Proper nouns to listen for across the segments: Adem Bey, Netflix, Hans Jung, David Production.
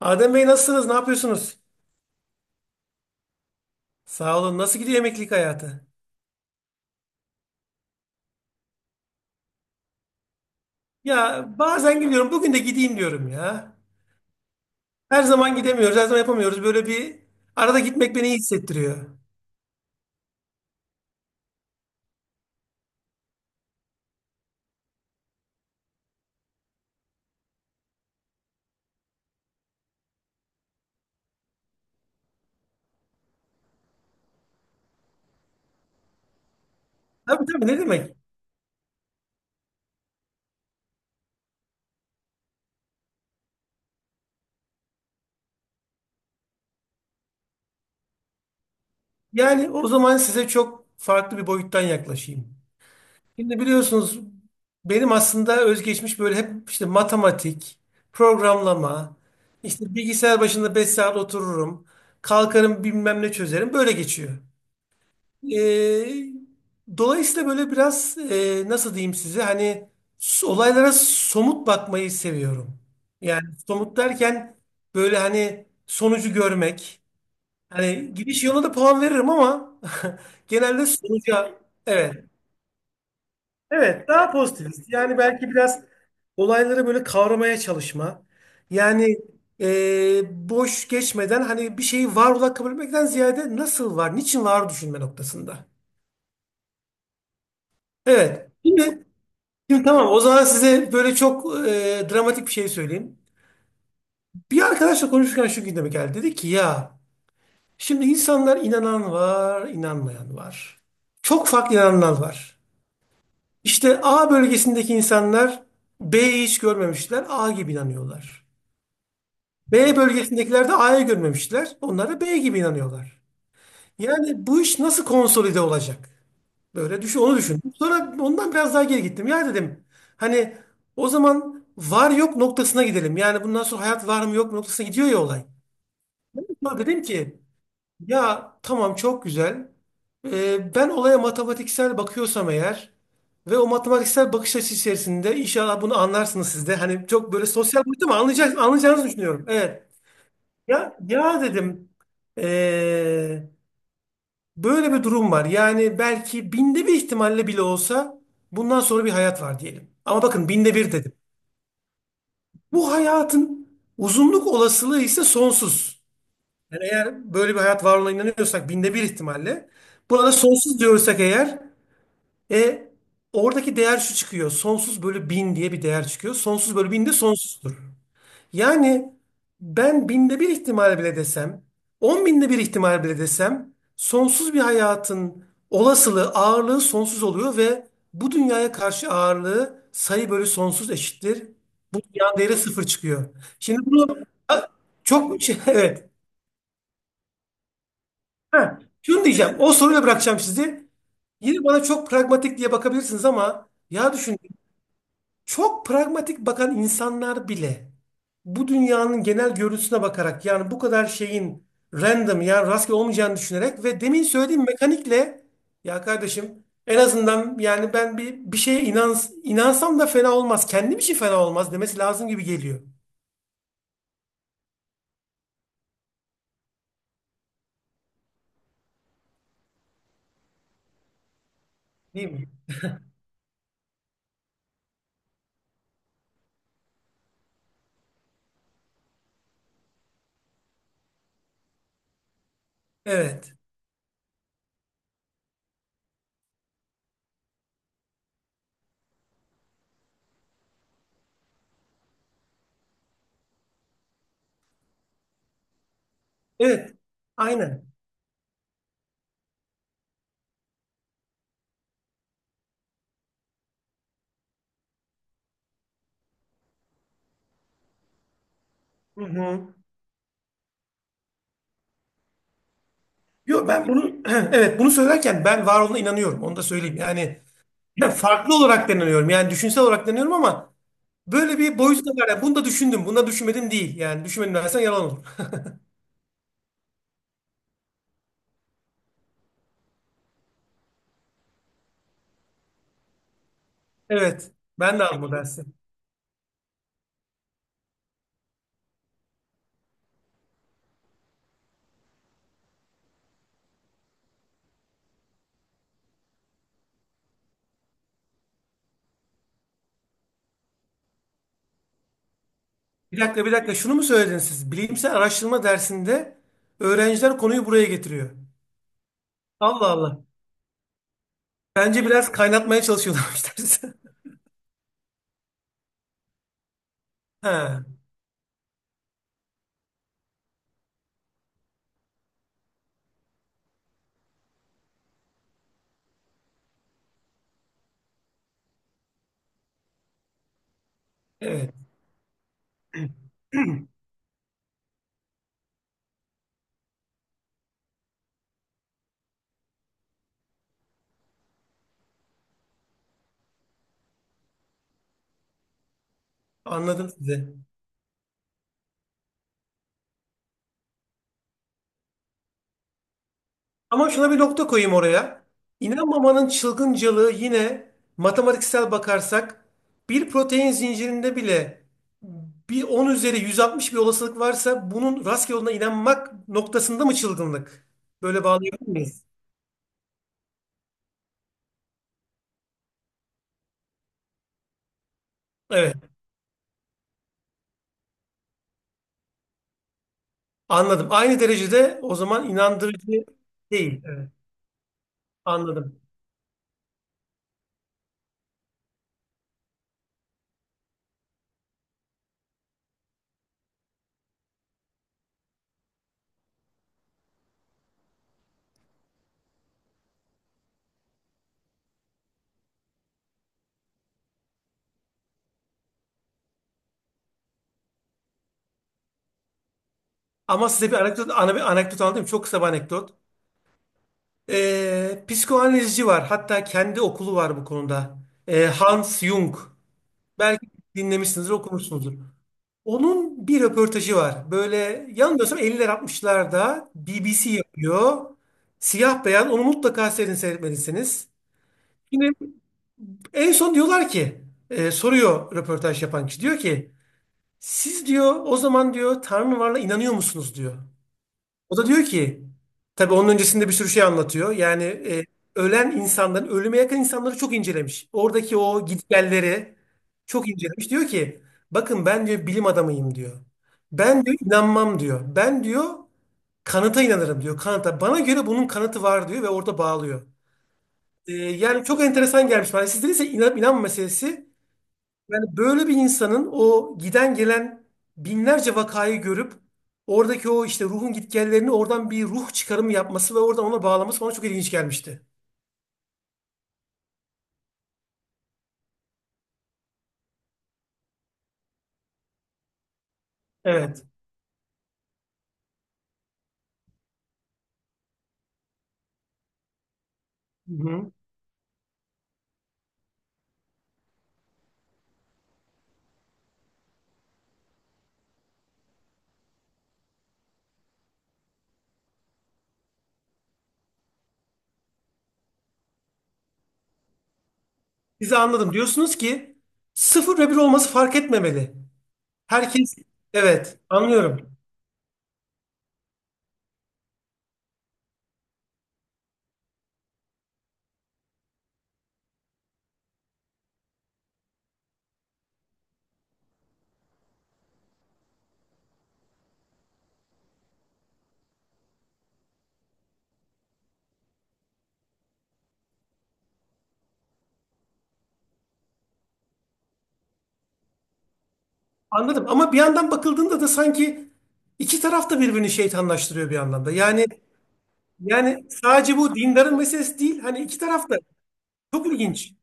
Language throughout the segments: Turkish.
Adem Bey nasılsınız? Ne yapıyorsunuz? Sağ olun. Nasıl gidiyor emeklilik hayatı? Ya bazen gidiyorum. Bugün de gideyim diyorum ya. Her zaman gidemiyoruz. Her zaman yapamıyoruz. Böyle bir arada gitmek beni iyi hissettiriyor. Tabii tabii, ne demek? Yani o zaman size çok farklı bir boyuttan yaklaşayım. Şimdi biliyorsunuz benim aslında özgeçmiş böyle hep işte matematik, programlama, işte bilgisayar başında 5 saat otururum. Kalkarım bilmem ne çözerim. Böyle geçiyor. Ee, dolayısıyla böyle biraz nasıl diyeyim size hani olaylara somut bakmayı seviyorum. Yani somut derken böyle hani sonucu görmek. Hani gidiş yoluna da puan veririm ama genelde sonuca evet. Evet daha pozitivist. Yani belki biraz olayları böyle kavramaya çalışma. Yani boş geçmeden hani bir şeyi var olarak kabul etmekten ziyade nasıl var, niçin var düşünme noktasında. Evet. Yine, şimdi tamam, o zaman size böyle çok dramatik bir şey söyleyeyim. Bir arkadaşla konuşurken şu gündeme geldi. Dedi ki ya şimdi insanlar inanan var, inanmayan var. Çok farklı inananlar var. İşte A bölgesindeki insanlar B'yi hiç görmemişler, A gibi inanıyorlar. B bölgesindekiler de A'yı görmemişler, onlar da B gibi inanıyorlar. Yani bu iş nasıl konsolide olacak? Böyle düşün, onu düşündüm. Sonra ondan biraz daha geri gittim. Ya dedim, hani o zaman var yok noktasına gidelim. Yani bundan sonra hayat var mı yok mu noktasına gidiyor ya olay. Ben de sonra dedim ki ya tamam, çok güzel. Ben olaya matematiksel bakıyorsam eğer ve o matematiksel bakış açısı içerisinde inşallah bunu anlarsınız siz de. Hani çok böyle sosyal boyutu, ama anlayacaksınız, anlayacağınızı düşünüyorum. Evet. Ya, ya dedim, ee, böyle bir durum var. Yani belki binde bir ihtimalle bile olsa bundan sonra bir hayat var diyelim. Ama bakın, binde bir dedim. Bu hayatın uzunluk olasılığı ise sonsuz. Yani eğer böyle bir hayat var olduğuna inanıyorsak binde bir ihtimalle. Buna da sonsuz diyorsak eğer, e, oradaki değer şu çıkıyor. Sonsuz bölü bin diye bir değer çıkıyor. Sonsuz bölü bin de sonsuzdur. Yani ben binde bir ihtimal bile desem, on binde bir ihtimal bile desem, sonsuz bir hayatın olasılığı, ağırlığı sonsuz oluyor ve bu dünyaya karşı ağırlığı sayı bölü sonsuz eşittir. Yan değeri sıfır çıkıyor. Şimdi bunu, ha, çok şey, evet. Ha, şunu diyeceğim. O soruyla bırakacağım sizi. Yine bana çok pragmatik diye bakabilirsiniz ama ya düşün, çok pragmatik bakan insanlar bile bu dünyanın genel görüntüsüne bakarak, yani bu kadar şeyin random, yani rastgele olmayacağını düşünerek ve demin söylediğim mekanikle, ya kardeşim en azından, yani ben bir şeye inansam da fena olmaz. Kendim için fena olmaz demesi lazım gibi geliyor. Değil mi? Evet. Evet. Aynen. Hı hı. Yo, ben bunu evet, bunu söylerken ben var olduğuna inanıyorum. Onu da söyleyeyim. Yani ben farklı olarak da inanıyorum. Yani düşünsel olarak da inanıyorum ama böyle bir boyutu da var. Yani bunu da düşündüm. Bunu da düşünmedim değil. Yani düşünmedim dersen yalan olur. Evet. Ben de aldım o dersi. Bir dakika, bir dakika. Şunu mu söylediniz siz? Bilimsel araştırma dersinde öğrenciler konuyu buraya getiriyor. Allah Allah. Bence biraz kaynatmaya çalışıyorlarmış dersi. Ha, evet. Anladım sizi. Ama şuna bir nokta koyayım oraya. İnanmamanın çılgıncalığı yine, matematiksel bakarsak, bir protein zincirinde bile bir 10 üzeri 160 bir olasılık varsa bunun rastgele olduğuna inanmak noktasında mı çılgınlık? Böyle bağlayabilir miyiz? Evet, anladım. Aynı derecede o zaman inandırıcı değil. Evet, anladım. Ama size bir anekdot, ana bir anekdot anlatayım. Çok kısa bir anekdot. Psikoanalizci var. Hatta kendi okulu var bu konuda. Hans Jung. Belki dinlemişsinizdir, okumuşsunuzdur. Onun bir röportajı var. Böyle yanılmıyorsam 50'ler 60'larda BBC yapıyor. Siyah beyan onu mutlaka sizin seyretmelisiniz. Şimdi en son diyorlar ki, soruyor röportaj yapan kişi, diyor ki siz diyor, o zaman diyor, Tanrı varla inanıyor musunuz diyor. O da diyor ki, tabii onun öncesinde bir sürü şey anlatıyor. Yani ölen insanların, ölüme yakın insanları çok incelemiş. Oradaki o gitgelleri çok incelemiş. Diyor ki bakın ben diyor bilim adamıyım diyor. Ben diyor inanmam diyor. Ben diyor kanıta inanırım diyor. Kanıta. Bana göre bunun kanıtı var diyor ve orada bağlıyor. Yani çok enteresan gelmiş bana. Sizde ise inan, inanma meselesi, yani böyle bir insanın o giden gelen binlerce vakayı görüp oradaki o işte ruhun gitgellerini oradan bir ruh çıkarımı yapması ve oradan ona bağlaması bana çok ilginç gelmişti. Evet. Hı-hı. Bizi anladım. Diyorsunuz ki sıfır ve bir olması fark etmemeli. Herkes, evet, anlıyorum. Anladım, ama bir yandan bakıldığında da sanki iki taraf da birbirini şeytanlaştırıyor bir anlamda. Yani, yani sadece bu dindarın meselesi değil. Hani iki taraf da çok ilginç.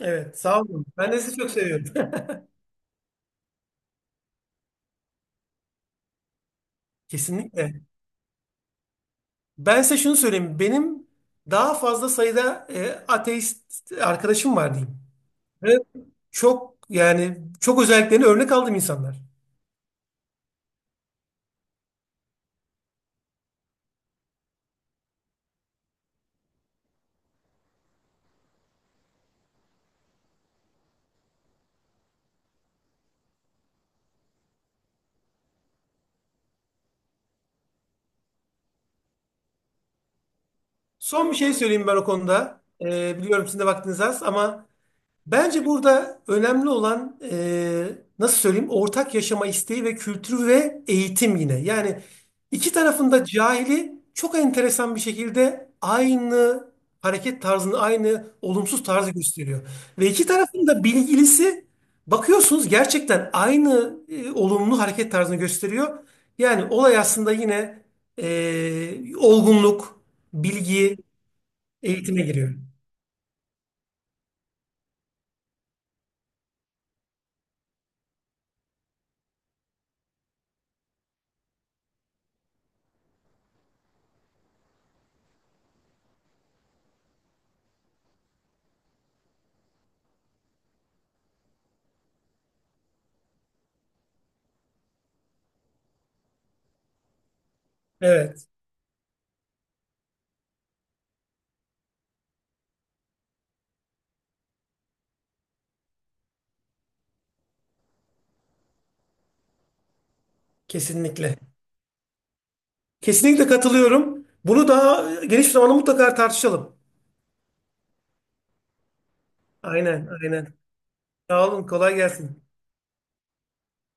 Evet, sağ olun. Ben de sizi çok seviyorum. Kesinlikle. Ben size şunu söyleyeyim. Benim daha fazla sayıda ateist arkadaşım var diyeyim. Ve çok, yani çok özelliklerini örnek aldığım insanlar. Son bir şey söyleyeyim ben o konuda. Biliyorum sizin de vaktiniz az, ama bence burada önemli olan, nasıl söyleyeyim, ortak yaşama isteği ve kültürü ve eğitim, yine. Yani iki tarafında cahili çok enteresan bir şekilde aynı hareket tarzını, aynı olumsuz tarzı gösteriyor. Ve iki tarafında bilgilisi, bakıyorsunuz, gerçekten aynı olumlu hareket tarzını gösteriyor. Yani olay aslında yine olgunluk, bilgi, eğitime giriyor. Evet, kesinlikle. Kesinlikle katılıyorum. Bunu daha geniş bir zamanda mutlaka tartışalım. Aynen, aynen. Sağ olun, kolay gelsin.